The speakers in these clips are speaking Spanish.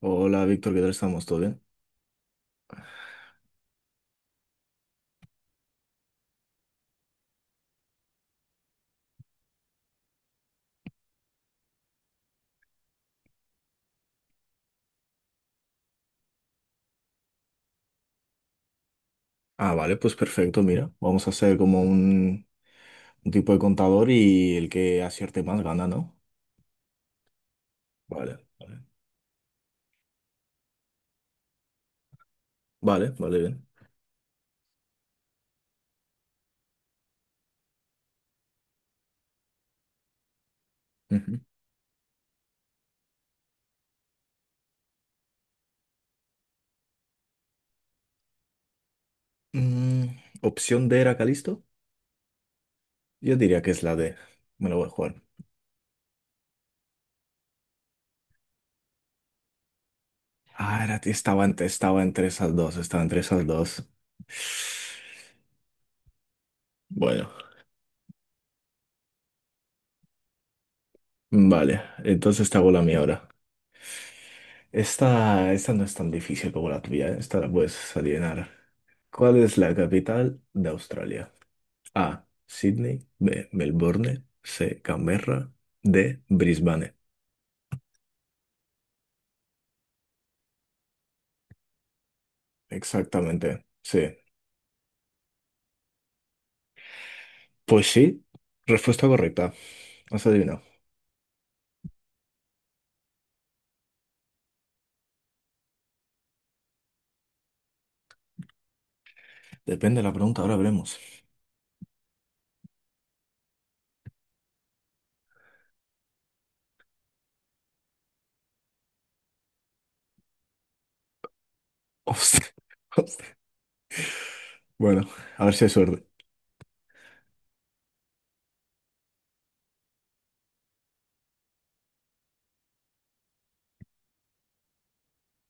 Hola Víctor, ¿qué tal estamos? ¿Todo bien? Ah, vale, pues perfecto, mira, vamos a hacer como un tipo de contador y el que acierte más gana, ¿no? Vale, vale, vale, vale, bien. Ujú. Mm, Opción D era Calisto. Yo diría que es la D. Me lo voy a jugar. Ah, era, estaba entre esas dos, estaba entre esas dos. Bueno, vale, entonces te hago la mía ahora. Esta no es tan difícil como la tuya, ¿eh? Esta la puedes adivinar. ¿Cuál es la capital de Australia? A. Sydney. B. Melbourne. C. Canberra. D. Brisbane. Exactamente. Sí. Pues sí. Respuesta correcta. Has adivinado. Depende de la pregunta, ahora veremos. Hostia. Hostia. Bueno, a ver si hay suerte.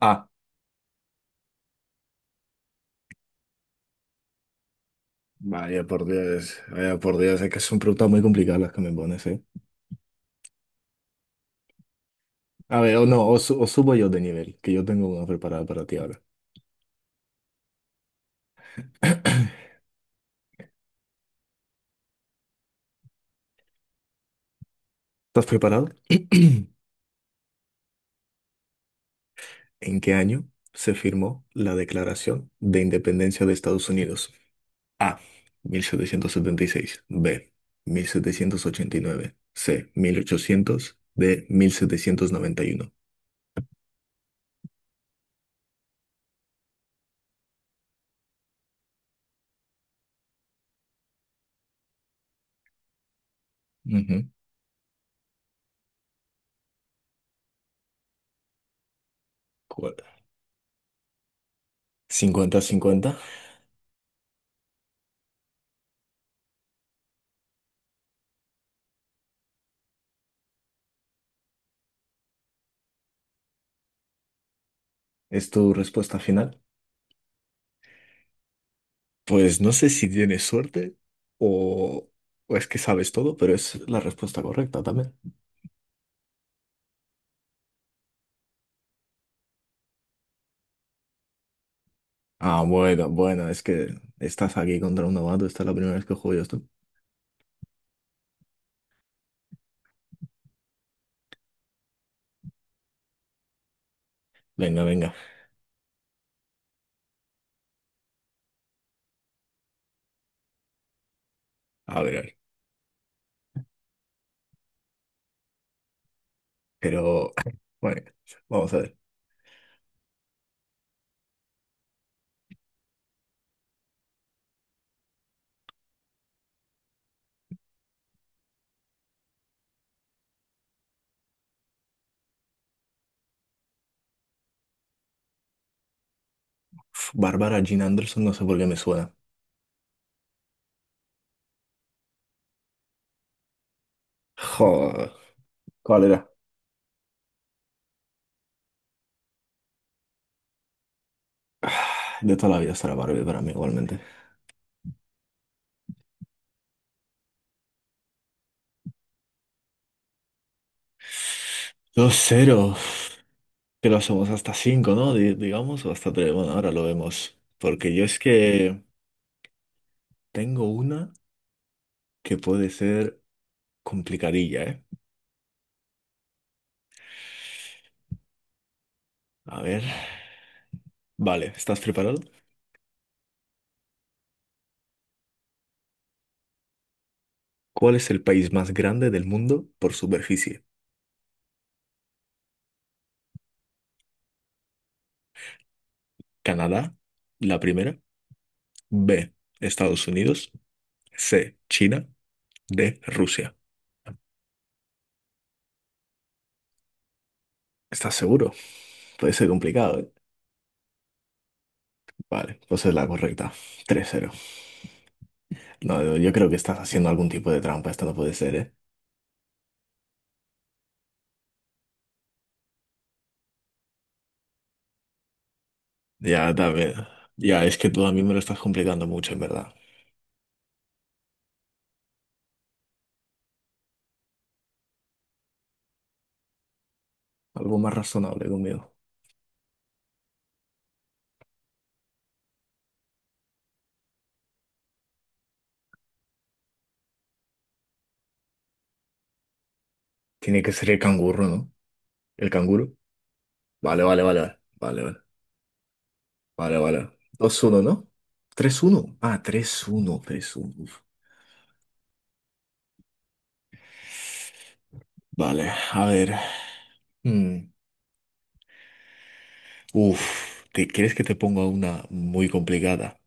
A. Vaya por Dios. Vaya por Dios. Es que son preguntas muy complicadas las que me pones, ¿eh? A ver, o no, o subo yo de nivel, que yo tengo una preparada para ti ahora. ¿Estás preparado? ¿En qué año se firmó la Declaración de Independencia de Estados Unidos? A. 1776, B. 1789, C. 1800, D. 1791. Ujú. Cu- 50-50. ¿Es tu respuesta final? Pues no sé si tienes suerte o, o es que sabes todo, pero es la respuesta correcta también. Ah, bueno, bueno, es que estás aquí contra un novato, esta es la primera vez que juego yo esto. Venga, venga, a ver, a ver. Pero, bueno, vamos a ver. Uf, Barbara Jean Anderson, no sé por qué me suena. Joder, ¿cuál era? Ah, de toda la vida será Barbie para mí igualmente. Dos ceros, que lo somos hasta cinco, ¿no? Digamos, o hasta tres. Bueno, ahora lo vemos. Porque yo es que tengo una que puede ser complicadilla, ¿eh? A ver. Vale, ¿estás preparado? ¿Cuál es el país más grande del mundo por superficie? Canadá, la primera. B, Estados Unidos. C, China. D, Rusia. ¿Estás seguro? Puede ser complicado, ¿eh? Vale, pues es la correcta. 3-0. No, yo creo que estás haciendo algún tipo de trampa. Esto no puede ser, ¿eh? Ya, también. Ya, es que tú a mí me lo estás complicando mucho, en verdad. Algo más razonable conmigo. Tiene que ser el canguro, ¿no? ¿El canguro? Vale, vale, vale. Vale, vale. Vale, vale. 2-1, no, 3-1. Ah, 3-1, 3-1. Uf. Vale, a ver. Mm. Uf, ¿te crees que te ponga una muy complicada?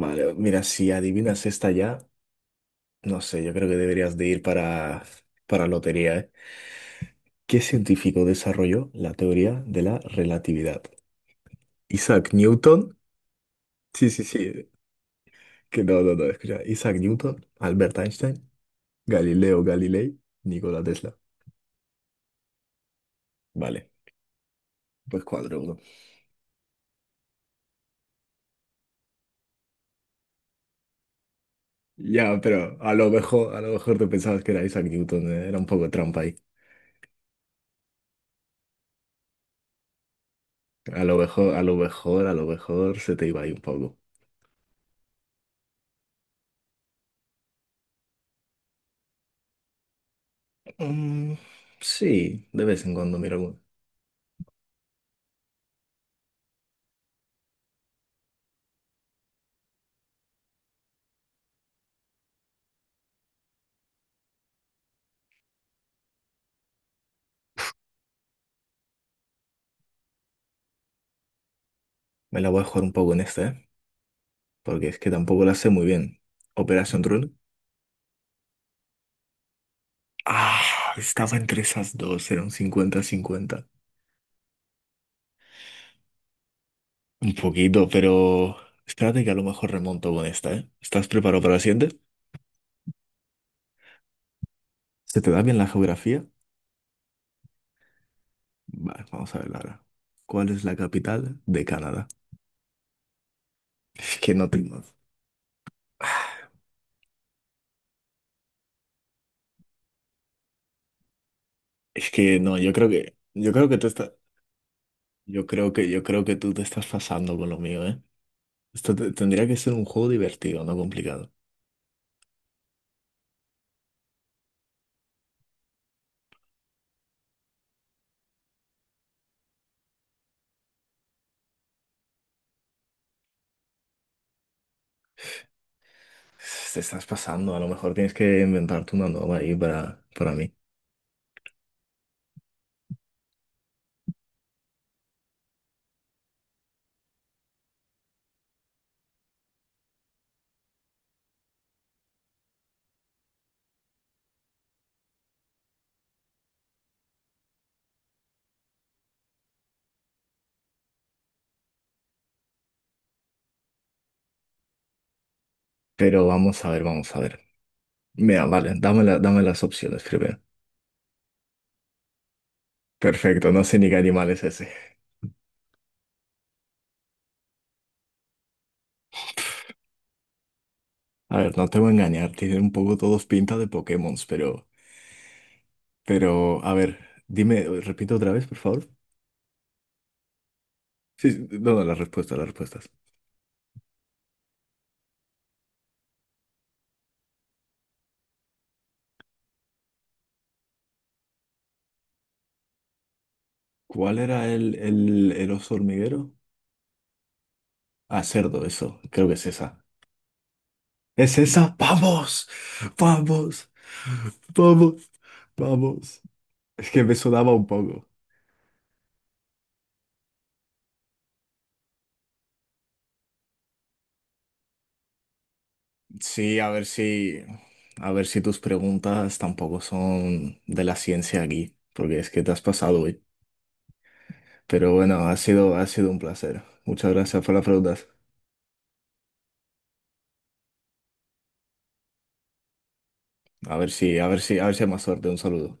Vale, mira, si adivinas esta ya. No sé, yo creo que deberías de ir para, lotería, ¿eh? ¿Qué científico desarrolló la teoría de la relatividad? Isaac Newton. Sí, sí, sí. Que no, no, no, escucha. Isaac Newton, Albert Einstein, Galileo Galilei, Nikola Tesla. Vale, pues cuadro uno. Ya, pero a lo mejor te pensabas que era Isaac Newton, ¿eh? Era un poco trampa ahí. A lo mejor, a lo mejor, a lo mejor se te iba ahí un poco. Mm, sí, de vez en cuando mira alguno. Me la voy a jugar un poco en este, ¿eh? Porque es que tampoco la sé muy bien. Operation Run. Ah, estaba entre esas dos, era un cincuenta 50. Un poquito, pero espérate que a lo mejor remonto con esta, ¿eh? ¿Estás preparado para la siguiente? ¿Se te da bien la geografía? Vale, vamos a ver ahora. ¿Cuál es la capital de Canadá? Es que no tengo. Es que no, yo creo que, yo creo que, tú estás, yo creo que tú te estás pasando con lo mío, ¿eh? Esto tendría que ser un juego divertido, no complicado. Te estás pasando, a lo mejor tienes que inventarte una nueva ahí para mí. Pero vamos a ver, vamos a ver. Mira, vale, dame, dame las opciones primero. Perfecto, no sé ni qué animal es ese. A ver, no te voy a engañar, tienen un poco todos pinta de Pokémon, pero, a ver, dime, repito otra vez, por favor. Sí, sí, no, no, las respuestas, las respuestas. ¿Cuál era el oso hormiguero? Ah, cerdo, eso, creo que es esa. ¿Es esa? ¡Vamos! ¡Vamos! ¡Vamos! ¡Vamos! Es que me sonaba un poco. Sí, a ver si, tus preguntas tampoco son de la ciencia aquí, porque es que te has pasado hoy. Pero bueno, ha sido, un placer. Muchas gracias por las preguntas. A ver si, A ver si, a ver si, hay más suerte. Un saludo.